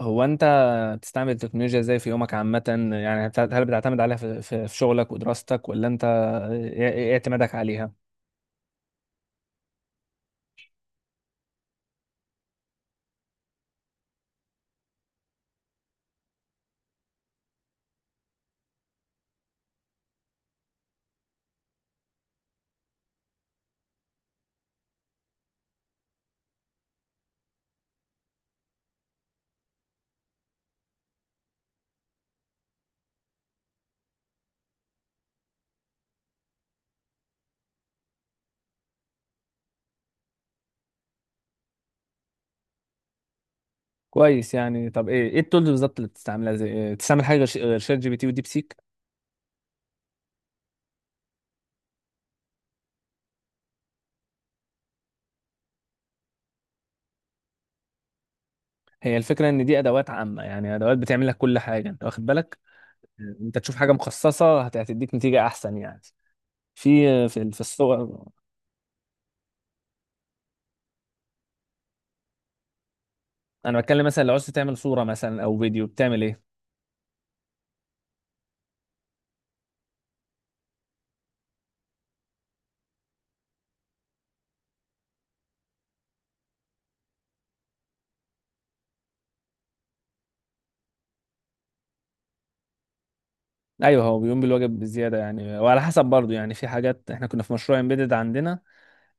هو انت بتستعمل التكنولوجيا ازاي في يومك عامة؟ يعني هل بتعتمد عليها في شغلك ودراستك، ولا انت ايه اعتمادك عليها؟ كويس. يعني طب ايه التولز بالظبط اللي بتستعملها؟ زي بتستعمل حاجة غير غير شات جي بي تي وديب سيك؟ هي الفكرة ان دي ادوات عامة، يعني ادوات بتعمل لك كل حاجة، انت واخد بالك؟ انت تشوف حاجة مخصصة هتديك نتيجة احسن يعني، في الصور. انا بتكلم مثلا لو عايز تعمل صورة مثلا او فيديو بتعمل ايه؟ ايوه، هو بيقوم بالواجب بزياده، يعني وعلى حسب برضه يعني. في حاجات، احنا كنا في مشروع امبيدد عندنا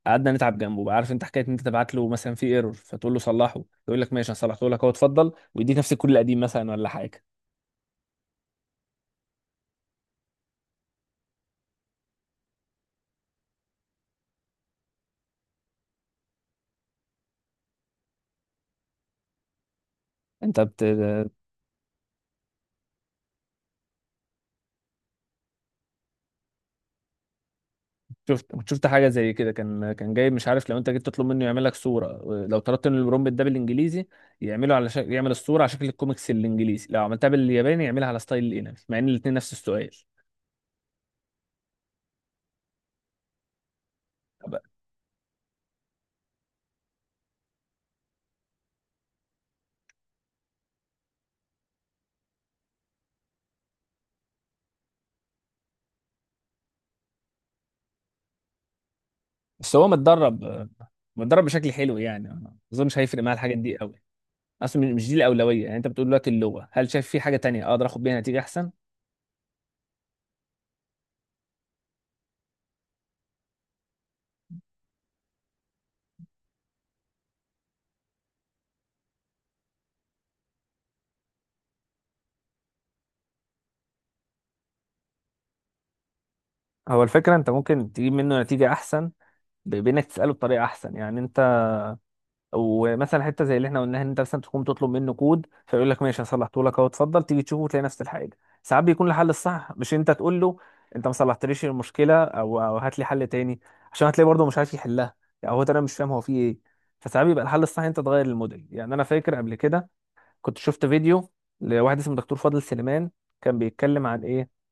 قعدنا نتعب جنبه، بقى عارف انت حكايه ان انت تبعت له مثلا في ايرور فتقول له صلحه، يقول لك ماشي هصلحته لك، هو اتفضل، ويديك نفس الكود القديم مثلا ولا حاجه. انت بت... شفت، كنت شفت حاجه زي كده، كان جايب مش عارف، لو انت جيت تطلب منه يعمل لك صوره، لو طلبت من البرومبت ده بالانجليزي يعمله على شكل، يعمل الصوره على شكل الكوميكس الانجليزي، لو عملتها بالياباني يعملها على ستايل الانمي، مع ان الاثنين نفس السؤال. طب- بس هو متدرب، متدرب بشكل حلو يعني، ما اظنش هيفرق معاه الحاجات دي قوي. اصلا مش دي الاولويه يعني. انت بتقول دلوقتي اللغه، هل شايف في حاجه تانية اقدر اخد بيها نتيجه احسن؟ هو الفكرة انت ممكن تجيب منه نتيجة احسن بانك تسأله بطريقة احسن يعني انت. ومثلا حتة زي اللي احنا قلناها، ان انت مثلا تقوم تطلب منه كود فيقول لك ماشي هصلحته لك، اهو اتفضل، تيجي تشوفه وتلاقي نفس الحاجة. ساعات بيكون الحل الصح مش انت تقول له انت ما صلحتليش المشكلة او هات لي حل تاني، عشان هتلاقي برضه مش عارف يحلها يعني. هو ده، انا مش فاهم هو فيه ايه. فساعات بيبقى الحل الصح إن انت تغير الموديل. يعني انا فاكر قبل كده كنت شفت فيديو لواحد اسمه دكتور فاضل سليمان، كان بيتكلم عن ايه؟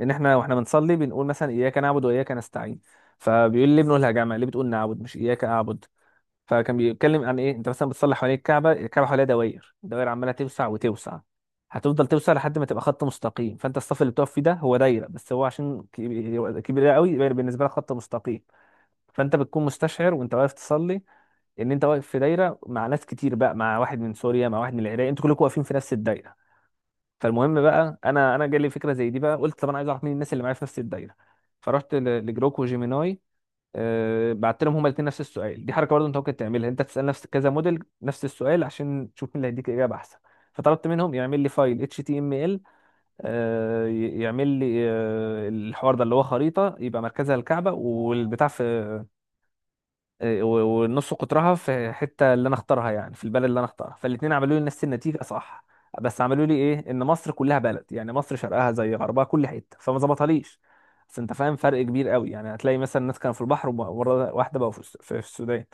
ان احنا واحنا بنصلي بنقول مثلا اياك نعبد واياك نستعين، فبيقول لي ابنه الهجامه، ليه بتقول نعبد مش اياك اعبد؟ فكان بيتكلم عن ايه؟ انت مثلا بتصلي حوالين الكعبه، الكعبه حواليها دوائر دوائر عماله توسع وتوسع، هتفضل توسع لحد ما تبقى خط مستقيم. فانت الصف اللي بتقف فيه ده هو دايره، بس هو عشان كبير كبير قوي يبقى بالنسبه لك خط مستقيم. فانت بتكون مستشعر وانت واقف تصلي ان انت واقف في دايره مع ناس كتير بقى، مع واحد من سوريا، مع واحد من العراق، انتوا كلكم واقفين في نفس الدايره. فالمهم بقى، انا جالي فكره زي دي بقى، قلت طب انا عايز اعرف مين الناس اللي معايا في نفس الدايره. فرحت لجروك وجيميناي. أه، بعت لهم هما الاثنين نفس السؤال. دي حركه برضه انت ممكن تعملها، انت تسال نفس كذا موديل نفس السؤال عشان تشوف مين اللي هيديك اجابه احسن. فطلبت منهم يعمل لي فايل اتش تي ام ال، يعمل لي الحوار ده اللي هو خريطه، يبقى مركزها الكعبه والبتاع في إيه، و- والنص قطرها في الحته اللي انا اختارها، يعني في البلد اللي انا اختارها. فالاثنين عملوا لي نفس النتيجه، صح، بس عملوا لي ايه؟ ان مصر كلها بلد، يعني مصر شرقها زي غربها كل حته، فما ظبطهاليش. بس انت فاهم، فرق كبير قوي يعني، هتلاقي مثلا الناس كانوا في البحر ومره واحده بقوا في السودان.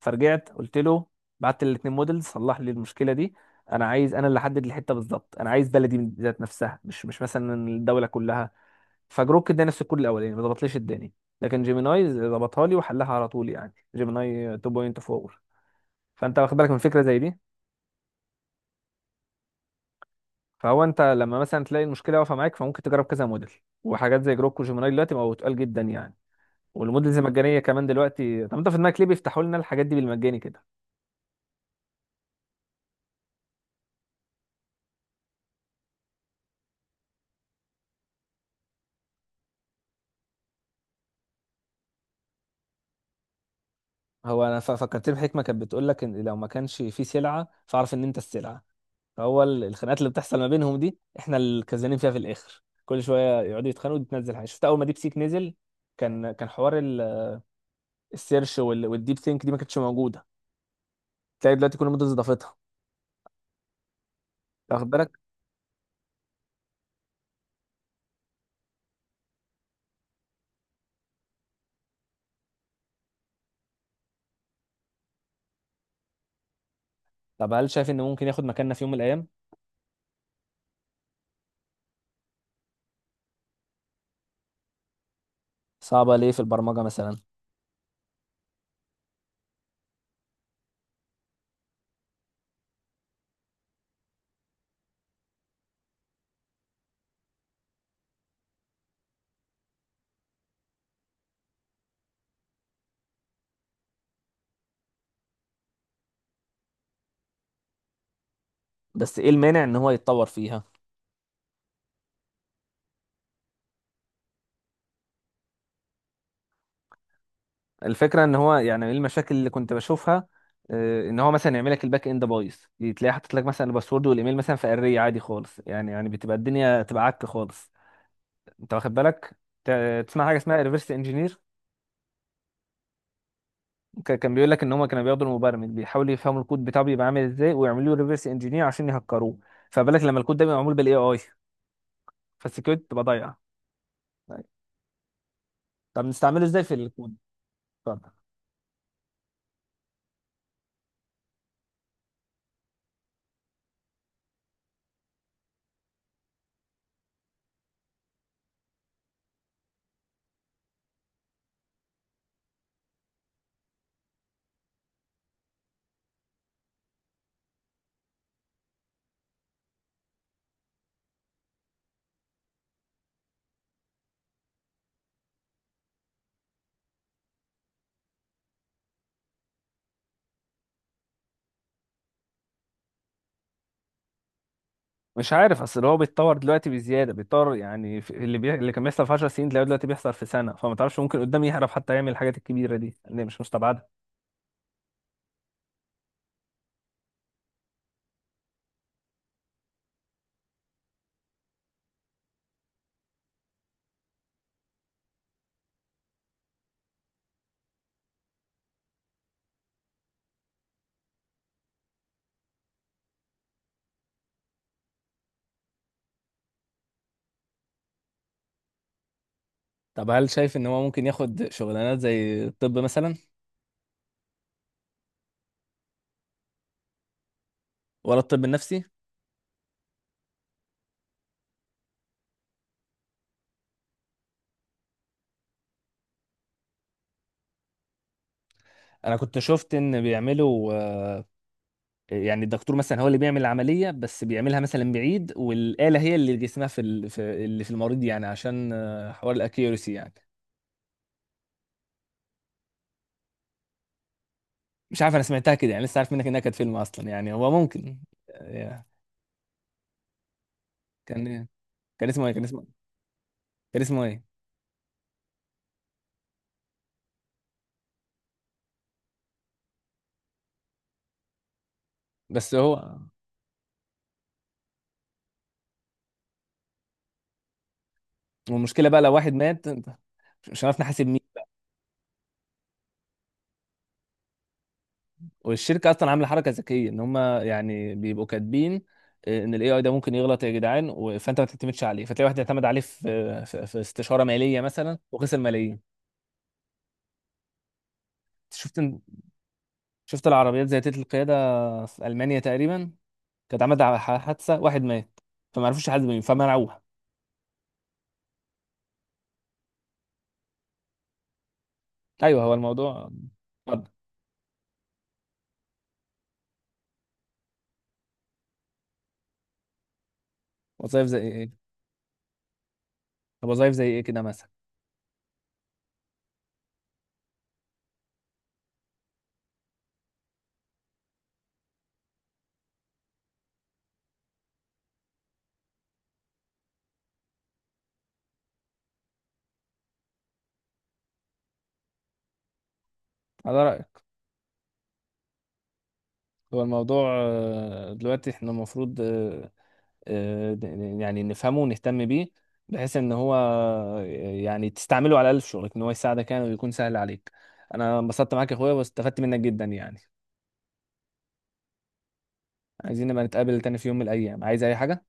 فرجعت قلت له، بعت الاثنين موديل، صلح لي المشكله دي، انا عايز انا اللي احدد الحته بالظبط، انا عايز بلدي ذات نفسها، مش مثلا الدوله كلها. فجروك اداني السكور الاولاني، ما ضبطليش الداني، لكن جيميناي ضبطها لي وحلها على طول يعني، جيميناي 2.4. فانت واخد بالك من فكره زي دي. فهو انت لما مثلا تلاقي المشكله واقفه معاك فممكن تجرب كذا موديل. وحاجات زي جروك وجيميناي دلوقتي بقوا تقال جدا يعني، والموديلز المجانيه كمان دلوقتي. طب انت في دماغك ليه بيفتحوا لنا الحاجات دي بالمجاني كده؟ هو انا فكرت بحكمه كانت بتقول لك ان لو ما كانش في سلعه فاعرف ان انت السلعه. هو الخناقات اللي بتحصل ما بينهم دي احنا الكسبانين فيها في الاخر، كل شويه يقعدوا يتخانقوا وتنزل حاجه. شفت اول ما ديب سيك نزل، كان حوار السيرش والديب ثينك دي ما كانتش موجوده، تلاقي دلوقتي كل مدرس ضافتها. واخد بالك؟ طب هل شايف ان ممكن ياخد مكاننا في يوم من الايام؟ صعبه ليه في البرمجه مثلا؟ بس ايه المانع ان هو يتطور فيها؟ الفكره ان هو يعني ايه المشاكل اللي كنت بشوفها؟ ان هو مثلا يعمل لك الباك اند بايظ، تلاقيه حاطط لك مثلا الباسورد والايميل مثلا في اري عادي خالص، يعني يعني بتبقى الدنيا تبقى عك خالص. انت واخد بالك؟ تسمع حاجه اسمها ريفرس انجينير؟ كان بيقول لك ان هم كانوا بياخدوا المبرمج بيحاولوا يفهموا الكود بتاعه بيبقى عامل ازاي، ويعملوا له ريفرس انجينير عشان يهكروه. فبالك لما الكود ده بيبقى معمول بالاي اي، فالسكيورتي بتبقى ضايعه. طب نستعمله ازاي في الكود؟ اتفضل. مش عارف، اصل هو بيتطور دلوقتي بزياده، بيتطور يعني اللي كان بيحصل في 10 سنين تلاقيه دلوقتي بيحصل في سنه، فما تعرفش ممكن قدام يعرف حتى يعمل الحاجات الكبيره دي، اللي مش مستبعده. طب هل شايف ان هو ممكن ياخد شغلانات زي الطب مثلا؟ ولا الطب النفسي؟ انا كنت شفت ان بيعملوا، يعني الدكتور مثلا هو اللي بيعمل العملية بس بيعملها مثلا بعيد، والآلة هي اللي جسمها في اللي في المريض، يعني عشان حوار الاكيورسي يعني. مش عارف، انا سمعتها كده يعني، لسه عارف منك انها كانت فيلم اصلا، يعني هو ممكن. آه، كان إيه؟ كان اسمه ايه؟ كان اسمه ايه؟ بس هو. والمشكلة بقى لو واحد مات انت مش عارف نحاسب مين. والشركة اصلا عاملة حركة ذكية، ان هم يعني بيبقوا كاتبين ان الاي اي ده ممكن يغلط يا جدعان فانت ما تعتمدش عليه. فتلاقي واحد اعتمد عليه في استشارة مالية مثلا وخسر ملايين. شفت شفت العربيات ذاتية القيادة في ألمانيا تقريبا كانت عملت حادثة، واحد مات فما عرفوش يحاسبوا مين فمنعوها. أيوه، هو الموضوع. اتفضل. وظائف زي إيه؟ طب وظائف زي إيه كده مثلا؟ على رأيك. هو الموضوع دلوقتي إحنا المفروض آه، د- يعني نفهمه ونهتم بيه، بحيث إن هو يعني تستعمله على الأقل في شغلك، إن هو يساعدك يعني ويكون سهل عليك. أنا انبسطت معاك يا أخويا واستفدت منك جدا يعني. عايزين نبقى نتقابل تاني في يوم من الأيام، عايز أي حاجة.